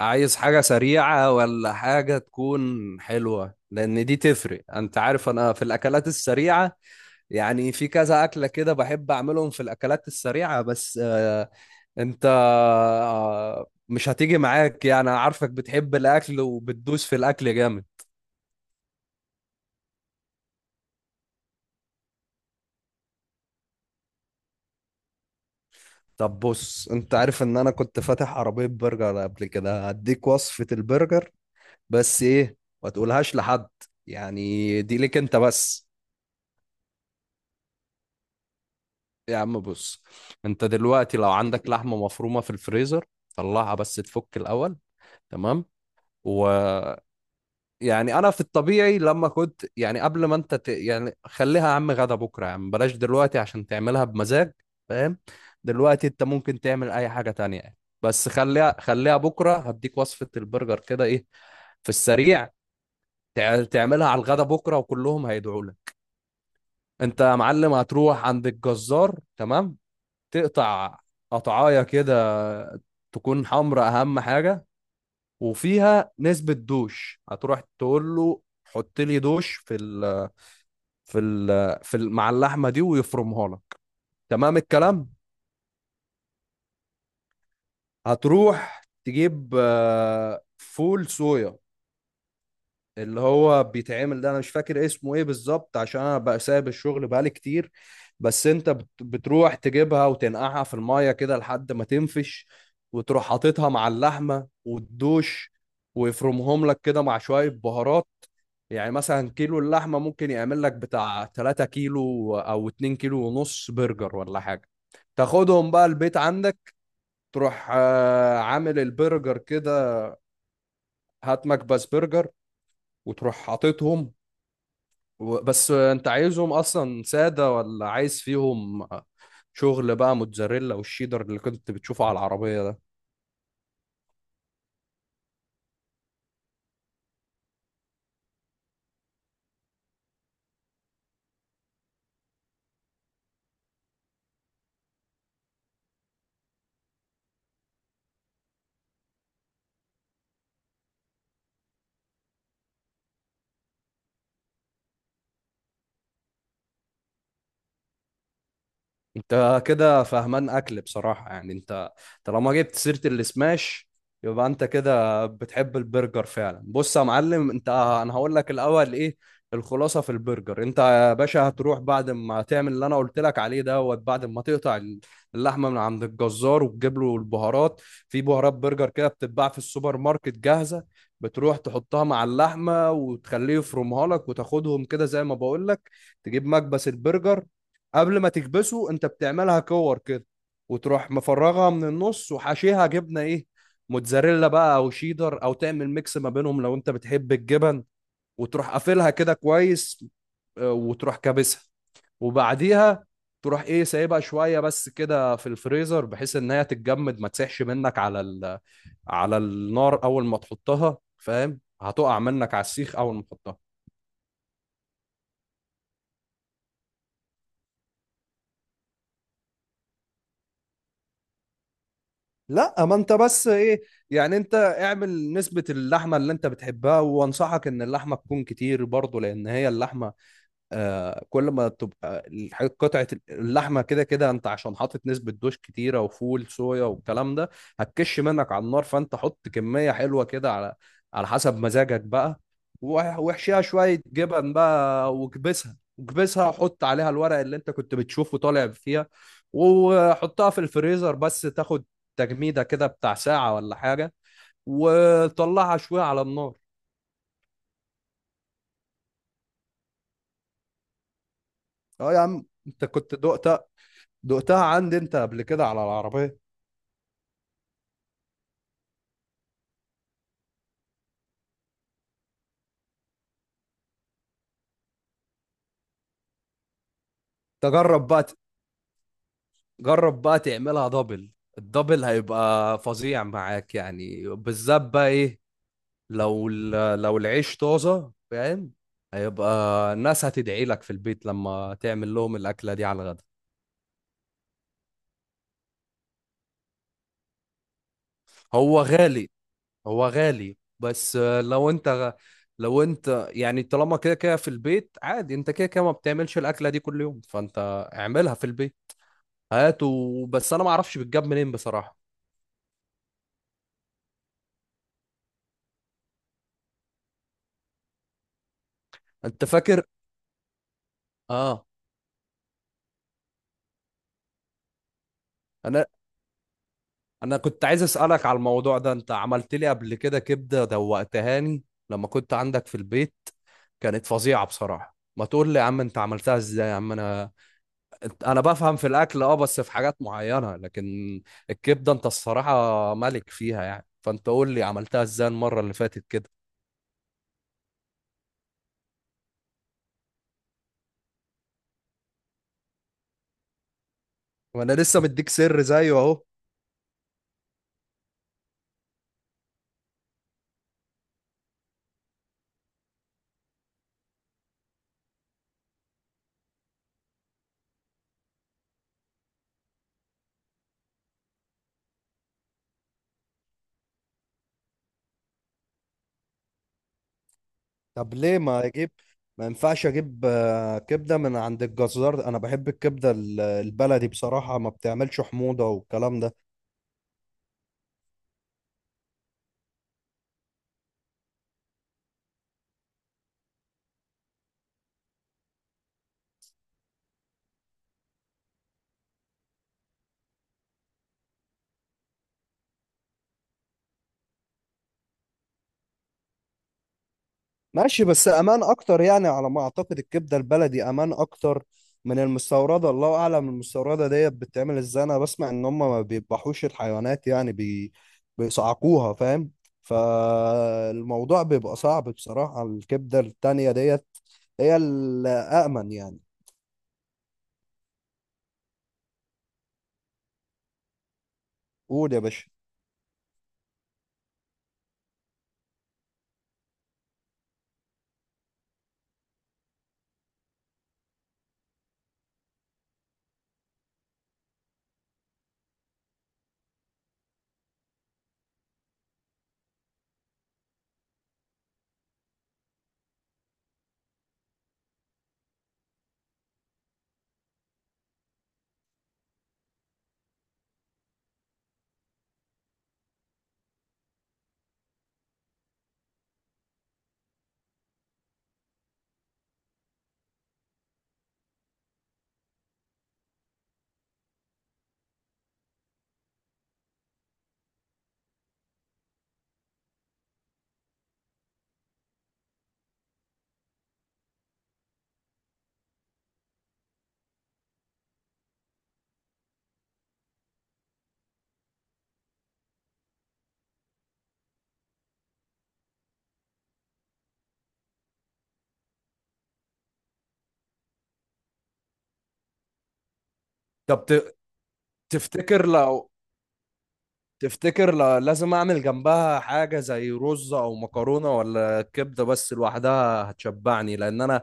عايز حاجة سريعة ولا حاجة تكون حلوة، لأن دي تفرق. أنت عارف أنا في الأكلات السريعة يعني في كذا أكلة كده بحب أعملهم في الأكلات السريعة. بس أنت مش هتيجي معاك يعني، أنا عارفك بتحب الأكل وبتدوس في الأكل جامد. طب بص، أنت عارف إن أنا كنت فاتح عربية برجر قبل كده، هديك وصفة البرجر. بس إيه، ما تقولهاش لحد، يعني دي ليك أنت بس. يا عم بص، انت دلوقتي لو عندك لحمة مفرومة في الفريزر طلعها، بس تفك الأول. تمام. و يعني انا في الطبيعي لما كنت يعني قبل ما انت ت... يعني خليها يا عم غدا بكرة، يا عم بلاش دلوقتي، عشان تعملها بمزاج. فاهم؟ دلوقتي انت ممكن تعمل اي حاجة تانية يعني. بس خليها بكرة، هديك وصفة البرجر كده، ايه في السريع. تعملها على الغدا بكرة وكلهم هيدعوا لك. انت يا معلم هتروح عند الجزار، تمام؟ تقطع قطعايه كده، تكون حمرا اهم حاجه، وفيها نسبه دوش. هتروح تقول له حط لي دوش في ال في ال مع اللحمه دي ويفرمها لك. تمام الكلام. هتروح تجيب فول صويا، اللي هو بيتعمل ده انا مش فاكر اسمه ايه بالظبط عشان انا بقى سايب الشغل بقالي كتير. بس انت بتروح تجيبها وتنقعها في المية كده لحد ما تنفش، وتروح حاططها مع اللحمة والدوش، ويفرمهم لك كده مع شوية بهارات. يعني مثلا كيلو اللحمة ممكن يعمل لك بتاع 3 كيلو او 2 كيلو ونص برجر ولا حاجة. تاخدهم بقى البيت عندك، تروح عامل البرجر كده، هات مكبس برجر وتروح حاططهم. بس انت عايزهم اصلا ساده ولا عايز فيهم شغل بقى، موتزاريلا والشيدر اللي كنت بتشوفه على العربيه ده؟ انت كده فهمان اكل بصراحة، يعني انت طالما جبت سيرة السماش يبقى انت كده بتحب البرجر فعلا. بص يا معلم، انت انا هقول لك الاول ايه الخلاصة في البرجر. انت يا باشا هتروح بعد ما تعمل اللي انا قلت لك عليه دوت، بعد ما تقطع اللحمة من عند الجزار وتجيب له البهارات. في بهارات برجر كده بتتباع في السوبر ماركت جاهزة، بتروح تحطها مع اللحمة وتخليه يفرمها لك وتاخدهم كده زي ما بقول لك. تجيب مكبس البرجر. قبل ما تكبسه انت بتعملها كور كده، وتروح مفرغها من النص وحشيها جبنه، ايه، موتزاريلا بقى او شيدر او تعمل ميكس ما بينهم لو انت بتحب الجبن. وتروح قافلها كده كويس، وتروح كابسها. وبعديها تروح ايه، سايبها شويه بس كده في الفريزر بحيث ان هي تتجمد ما تسيحش على النار اول ما تحطها. فاهم؟ هتقع منك على السيخ اول ما تحطها. لا، ما انت بس ايه، يعني انت اعمل نسبة اللحمة اللي انت بتحبها، وانصحك ان اللحمة تكون كتير برضو، لان هي اللحمة آه، كل ما تبقى قطعة اللحمة كده كده، انت عشان حاطط نسبة دوش كتيرة وفول صويا والكلام ده هتكش منك على النار. فانت حط كمية حلوة كده على على حسب مزاجك بقى. واحشيها شوية جبن بقى، واكبسها، وحط عليها الورق اللي انت كنت بتشوفه طالع فيها، وحطها في الفريزر بس تاخد تجميدة كده بتاع ساعة ولا حاجة، وطلعها شوية على النار. اه يا عم، انت كنت دقتها، دقتها عندي انت قبل كده على العربية. تجرب بقى، جرب بقى تعملها دبل. الدبل هيبقى فظيع معاك، يعني بالذات بقى ايه، لو العيش طازة. فاهم؟ هيبقى الناس هتدعي لك في البيت لما تعمل لهم الأكلة دي على الغدا. هو غالي هو غالي بس لو انت يعني طالما كده كده في البيت عادي، انت كده كده ما بتعملش الأكلة دي كل يوم، فانت اعملها في البيت. هاته، بس انا ما اعرفش بتجاب منين بصراحة. انت فاكر؟ اه. انا انا كنت عايز اسالك على الموضوع ده، انت عملت لي قبل كده كبده دوقتهاني لما كنت عندك في البيت، كانت فظيعه بصراحه. ما تقول لي يا عم انت عملتها ازاي. يا عم انا انا بفهم في الاكل اه، بس في حاجات معينه، لكن الكبده انت الصراحه ملك فيها يعني. فانت قول لي عملتها ازاي المره اللي فاتت كده. وانا لسه مديك سر زيه اهو. طب ليه ما اجيب، ما ينفعش اجيب كبده من عند الجزار؟ انا بحب الكبده البلدي بصراحه، ما بتعملش حموضه والكلام ده. ماشي، بس امان اكتر يعني على ما اعتقد، الكبده البلدي امان اكتر من المستورده. الله اعلم المستورده ديت بتتعمل ازاي، انا بسمع ان هم ما بيذبحوش الحيوانات، بيصعقوها. فاهم؟ فالموضوع بيبقى صعب بصراحه. الكبده التانيه ديت هي الامن يعني. قول يا باشا. طب ت- تفتكر لو تفتكر لو لازم اعمل جنبها حاجة زي رز او مكرونة، ولا كبدة بس لوحدها هتشبعني؟ لان انا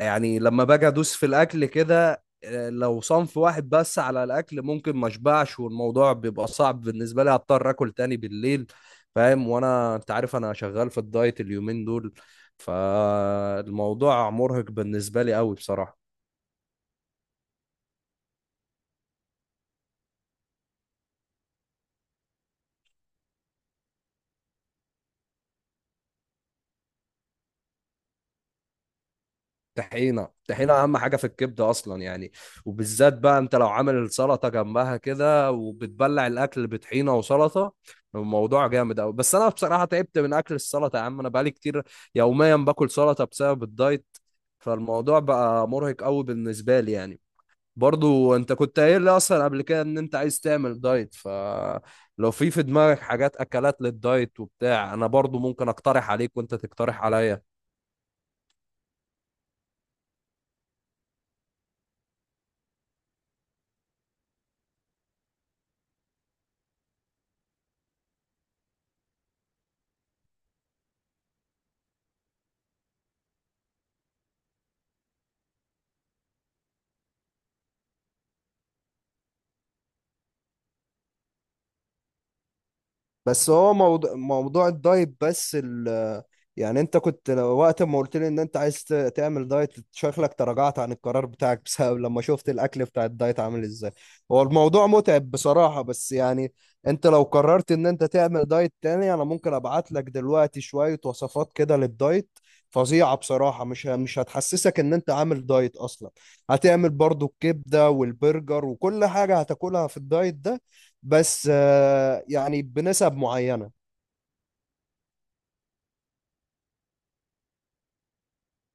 يعني لما باجي ادوس في الاكل كده لو صنف واحد بس على الاكل ممكن ما اشبعش، والموضوع بيبقى صعب بالنسبه لي، هضطر اكل تاني بالليل. فاهم؟ وانا انت عارف انا شغال في الدايت اليومين دول، فالموضوع مرهق بالنسبه لي قوي بصراحه. طحينه اهم حاجه في الكبده اصلا يعني. وبالذات بقى انت لو عامل السلطه جنبها كده وبتبلع الاكل بطحينه وسلطه، الموضوع جامد قوي. بس انا بصراحه تعبت من اكل السلطه، يا عم انا بقالي كتير يوميا باكل سلطه بسبب الدايت، فالموضوع بقى مرهق قوي بالنسبه لي يعني. برضو انت كنت قايل لي اصلا قبل كده ان انت عايز تعمل دايت، فلو في دماغك حاجات اكلات للدايت وبتاع انا برضو ممكن اقترح عليك وانت تقترح عليا. بس هو موضوع، موضوع الدايت بس ال، يعني انت كنت وقت ما قلت لي ان انت عايز تعمل دايت شكلك تراجعت عن القرار بتاعك بسبب لما شفت الاكل بتاع الدايت عامل ازاي. هو الموضوع متعب بصراحة، بس يعني انت لو قررت ان انت تعمل دايت تاني انا ممكن ابعت لك دلوقتي شوية وصفات كده للدايت فظيعة بصراحة، مش هتحسسك ان انت عامل دايت اصلا. هتعمل برضو الكبدة والبرجر وكل حاجة هتاكلها في الدايت ده، بس يعني بنسب معينة.